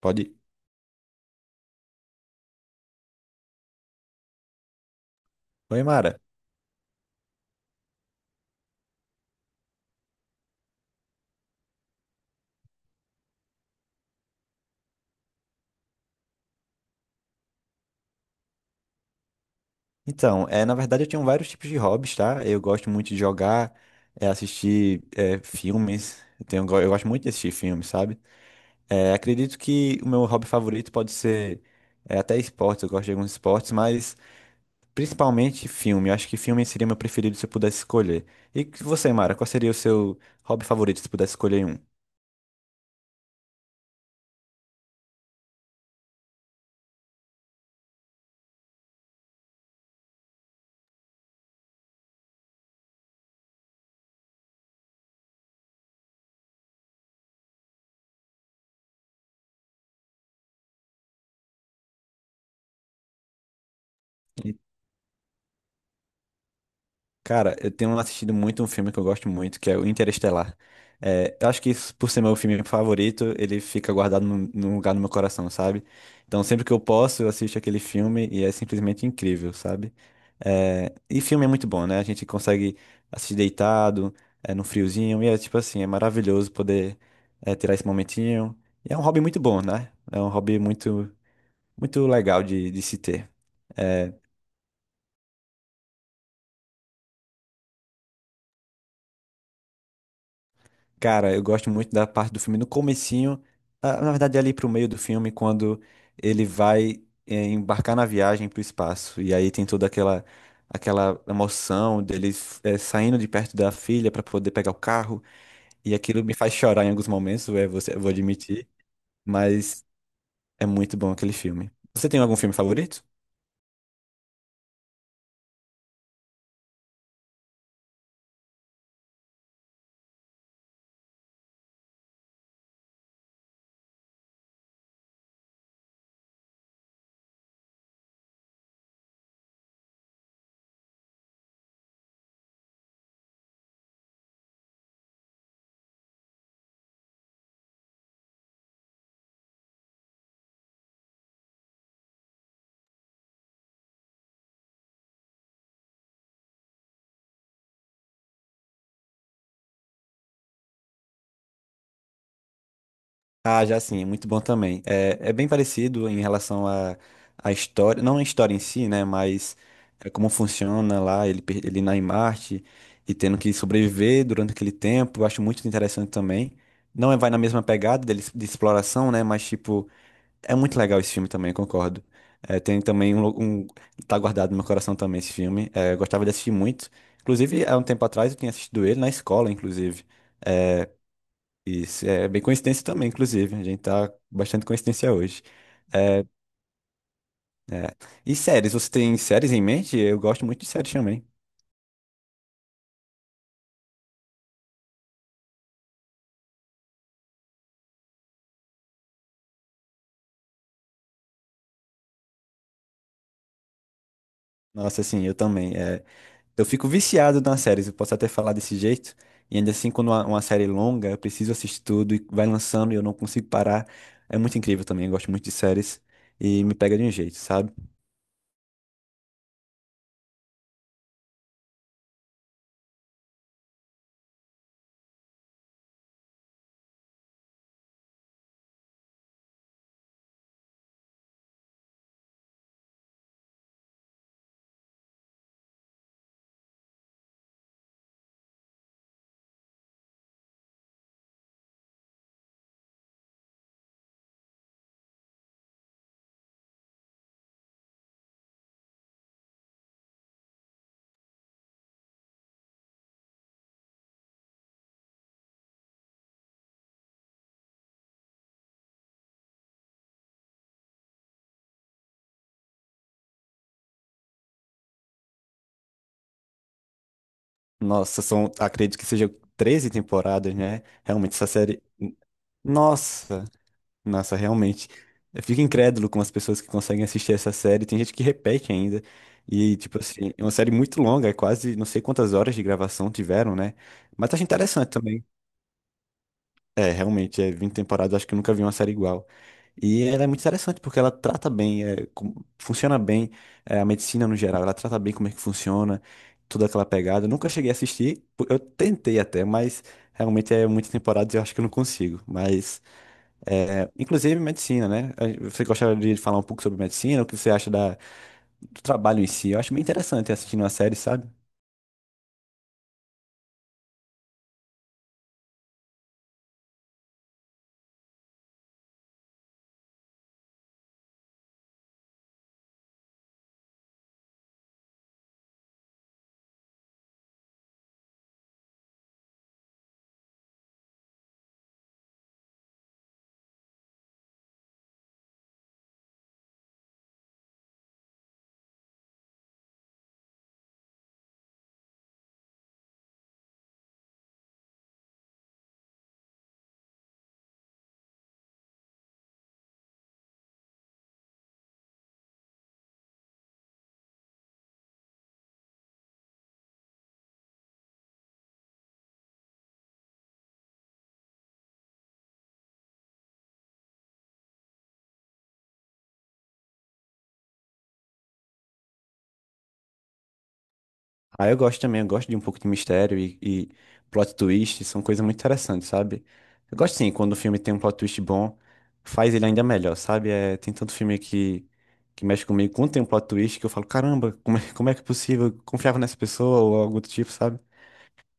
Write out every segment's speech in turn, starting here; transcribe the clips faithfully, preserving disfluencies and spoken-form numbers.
Pode. Ir. Oi, Mara. Então, é, na verdade eu tenho vários tipos de hobbies, tá? Eu gosto muito de jogar, é, assistir é, filmes. Eu tenho, go- eu gosto muito de assistir filmes, sabe? É, acredito que o meu hobby favorito pode ser é, até esportes, eu gosto de alguns esportes, mas principalmente filme. Eu acho que filme seria meu preferido se eu pudesse escolher. E você, Mara, qual seria o seu hobby favorito se pudesse escolher um? Cara, eu tenho assistido muito um filme que eu gosto muito, que é o Interestelar. É, eu acho que isso, por ser meu filme favorito, ele fica guardado num num lugar no meu coração, sabe? Então, sempre que eu posso, eu assisto aquele filme e é simplesmente incrível, sabe? É, e filme é muito bom, né? A gente consegue assistir deitado, é, no friozinho, e é tipo assim, é maravilhoso poder, é, tirar esse momentinho. E é um hobby muito bom, né? É um hobby muito, muito legal de, de se ter. É, cara, eu gosto muito da parte do filme no comecinho, ah, na verdade ali pro meio do filme, quando ele vai eh, embarcar na viagem pro espaço. E aí tem toda aquela aquela emoção dele eh, saindo de perto da filha para poder pegar o carro. E aquilo me faz chorar em alguns momentos, é, você, eu vou admitir, mas é muito bom aquele filme. Você tem algum filme favorito? Ah, já sim, é muito bom também. É, é bem parecido em relação à à história, não a história em si, né? Mas é como funciona lá, ele, per- ele na em Marte e tendo que sobreviver durante aquele tempo. Eu acho muito interessante também. Não é, vai na mesma pegada dele, de exploração, né? Mas, tipo, é muito legal esse filme também, eu concordo. É, tem também um, lu- um. Tá guardado no meu coração também esse filme. É, eu gostava de assistir muito. Inclusive, há um tempo atrás eu tinha assistido ele na escola, inclusive. É, isso é bem coincidência também, inclusive. A gente tá bastante coincidência hoje. É, é. E séries, você tem séries em mente? Eu gosto muito de séries também. Nossa, assim, eu também. É, eu fico viciado nas séries, eu posso até falar desse jeito. E ainda assim, quando uma, uma série é longa, eu preciso assistir tudo e vai lançando e eu não consigo parar. É muito incrível também, eu gosto muito de séries e me pega de um jeito, sabe? Nossa, são, acredito que sejam treze temporadas, né? Realmente, essa série. Nossa! Nossa, realmente. Eu fico incrédulo com as pessoas que conseguem assistir essa série. Tem gente que repete ainda. E, tipo assim, é uma série muito longa, é quase não sei quantas horas de gravação tiveram, né? Mas acho interessante também. É, realmente, é vinte temporadas, acho que eu nunca vi uma série igual. E ela é muito interessante porque ela trata bem, é, com- funciona bem, é, a medicina no geral, ela trata bem como é que funciona, toda aquela pegada. Eu nunca cheguei a assistir, eu tentei até, mas realmente é muitas temporadas e eu acho que eu não consigo. Mas. É, inclusive medicina, né? A- você gostaria de falar um pouco sobre medicina, o que você acha da- do trabalho em si? Eu acho bem interessante assistir uma série, sabe? Aí eu gosto também, eu gosto de um pouco de mistério e, e plot twist, são coisas muito interessantes, sabe? Eu gosto sim, quando o filme tem um plot twist bom, faz ele ainda melhor, sabe? É, tem tanto filme que, que mexe comigo, quando tem um plot twist que eu falo, caramba, como é, como é que é possível? Eu confiava nessa pessoa ou algo do tipo, sabe?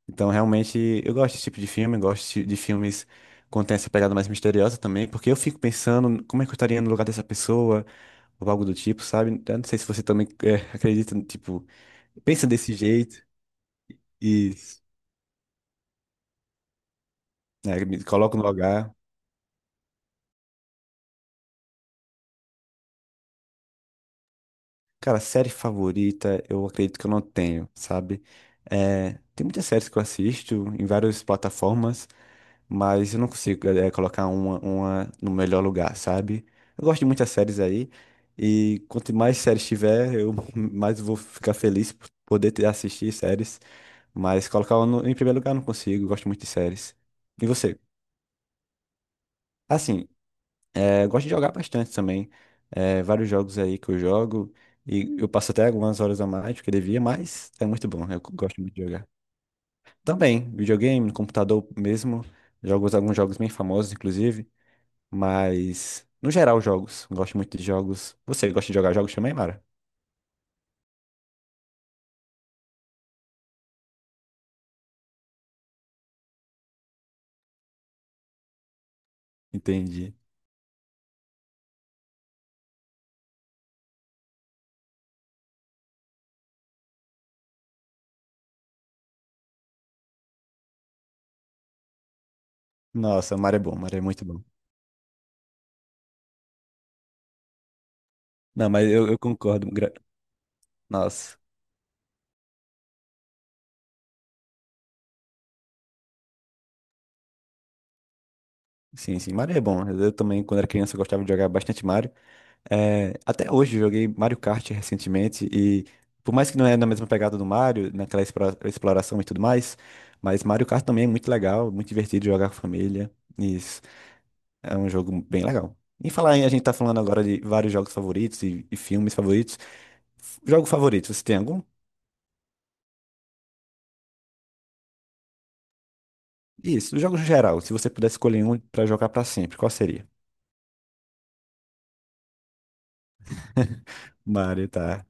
Então, realmente, eu gosto desse tipo de filme, gosto de filmes quando tem essa pegada mais misteriosa também, porque eu fico pensando como é que eu estaria no lugar dessa pessoa, ou algo do tipo, sabe? Eu não sei se você também é, acredita, tipo, pensa desse jeito e né, me coloca no lugar. Cara, série favorita, eu acredito que eu não tenho, sabe? É, tem muitas séries que eu assisto em várias plataformas, mas eu não consigo, eh, colocar uma, uma no melhor lugar, sabe? Eu gosto de muitas séries aí, e quanto mais séries tiver, eu mais vou ficar feliz por poder ter, assistir séries, mas colocar uma no- em primeiro lugar eu não consigo, eu gosto muito de séries. E você? Assim, é, gosto de jogar bastante também. É, vários jogos aí que eu jogo. E eu passo até algumas horas a mais do que devia, mas é muito bom. Eu gosto muito de jogar. Também, videogame, no computador mesmo. Jogo alguns jogos bem famosos, inclusive. Mas, no geral, jogos. Gosto muito de jogos. Você gosta de jogar jogos também, Mara? Entendi. Nossa, Mara é bom. Mara é muito bom. Não, mas eu, eu concordo. Gra-. Nossa. Sim, sim. Mario é bom. Eu também, quando era criança, eu gostava de jogar bastante Mario. É, até hoje eu joguei Mario Kart recentemente e por mais que não é na mesma pegada do Mario, naquela explora- exploração e tudo mais, mas Mario Kart também é muito legal, muito divertido jogar com a família. Isso é um jogo bem legal. Em falar em, a gente tá falando agora de vários jogos favoritos e, e filmes favoritos. F- jogo favorito, você tem algum? Isso, os jogos em geral, se você pudesse escolher um pra jogar pra sempre, qual seria? Mario, tá.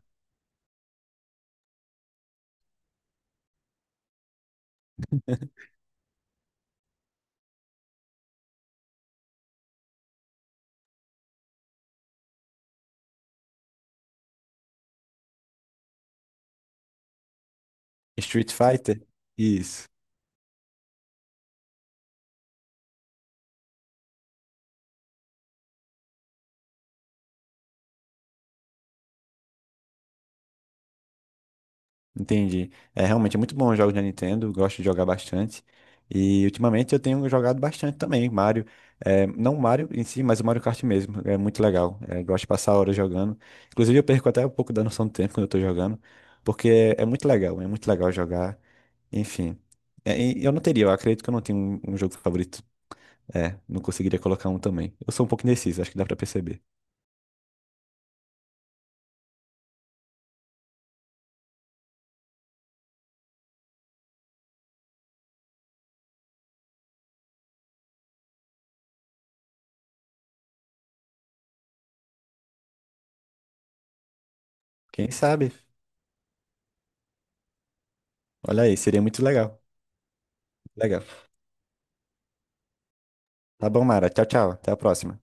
Street Fighter? Isso. Entendi. É realmente é muito bom os jogos da Nintendo, gosto de jogar bastante. E ultimamente eu tenho jogado bastante também, Mario. É, não o Mario em si, mas o Mario Kart mesmo. É muito legal. É, gosto de passar horas jogando. Inclusive eu perco até um pouco da noção do tempo quando eu tô jogando, porque é, é muito legal, é muito legal jogar. Enfim. É, e eu não teria, eu acredito que eu não tenho um, um jogo favorito. É, não conseguiria colocar um também. Eu sou um pouco indeciso, acho que dá pra perceber. Quem sabe? Olha aí, seria muito legal. Legal. Tá bom, Mara. Tchau, tchau. Até a próxima.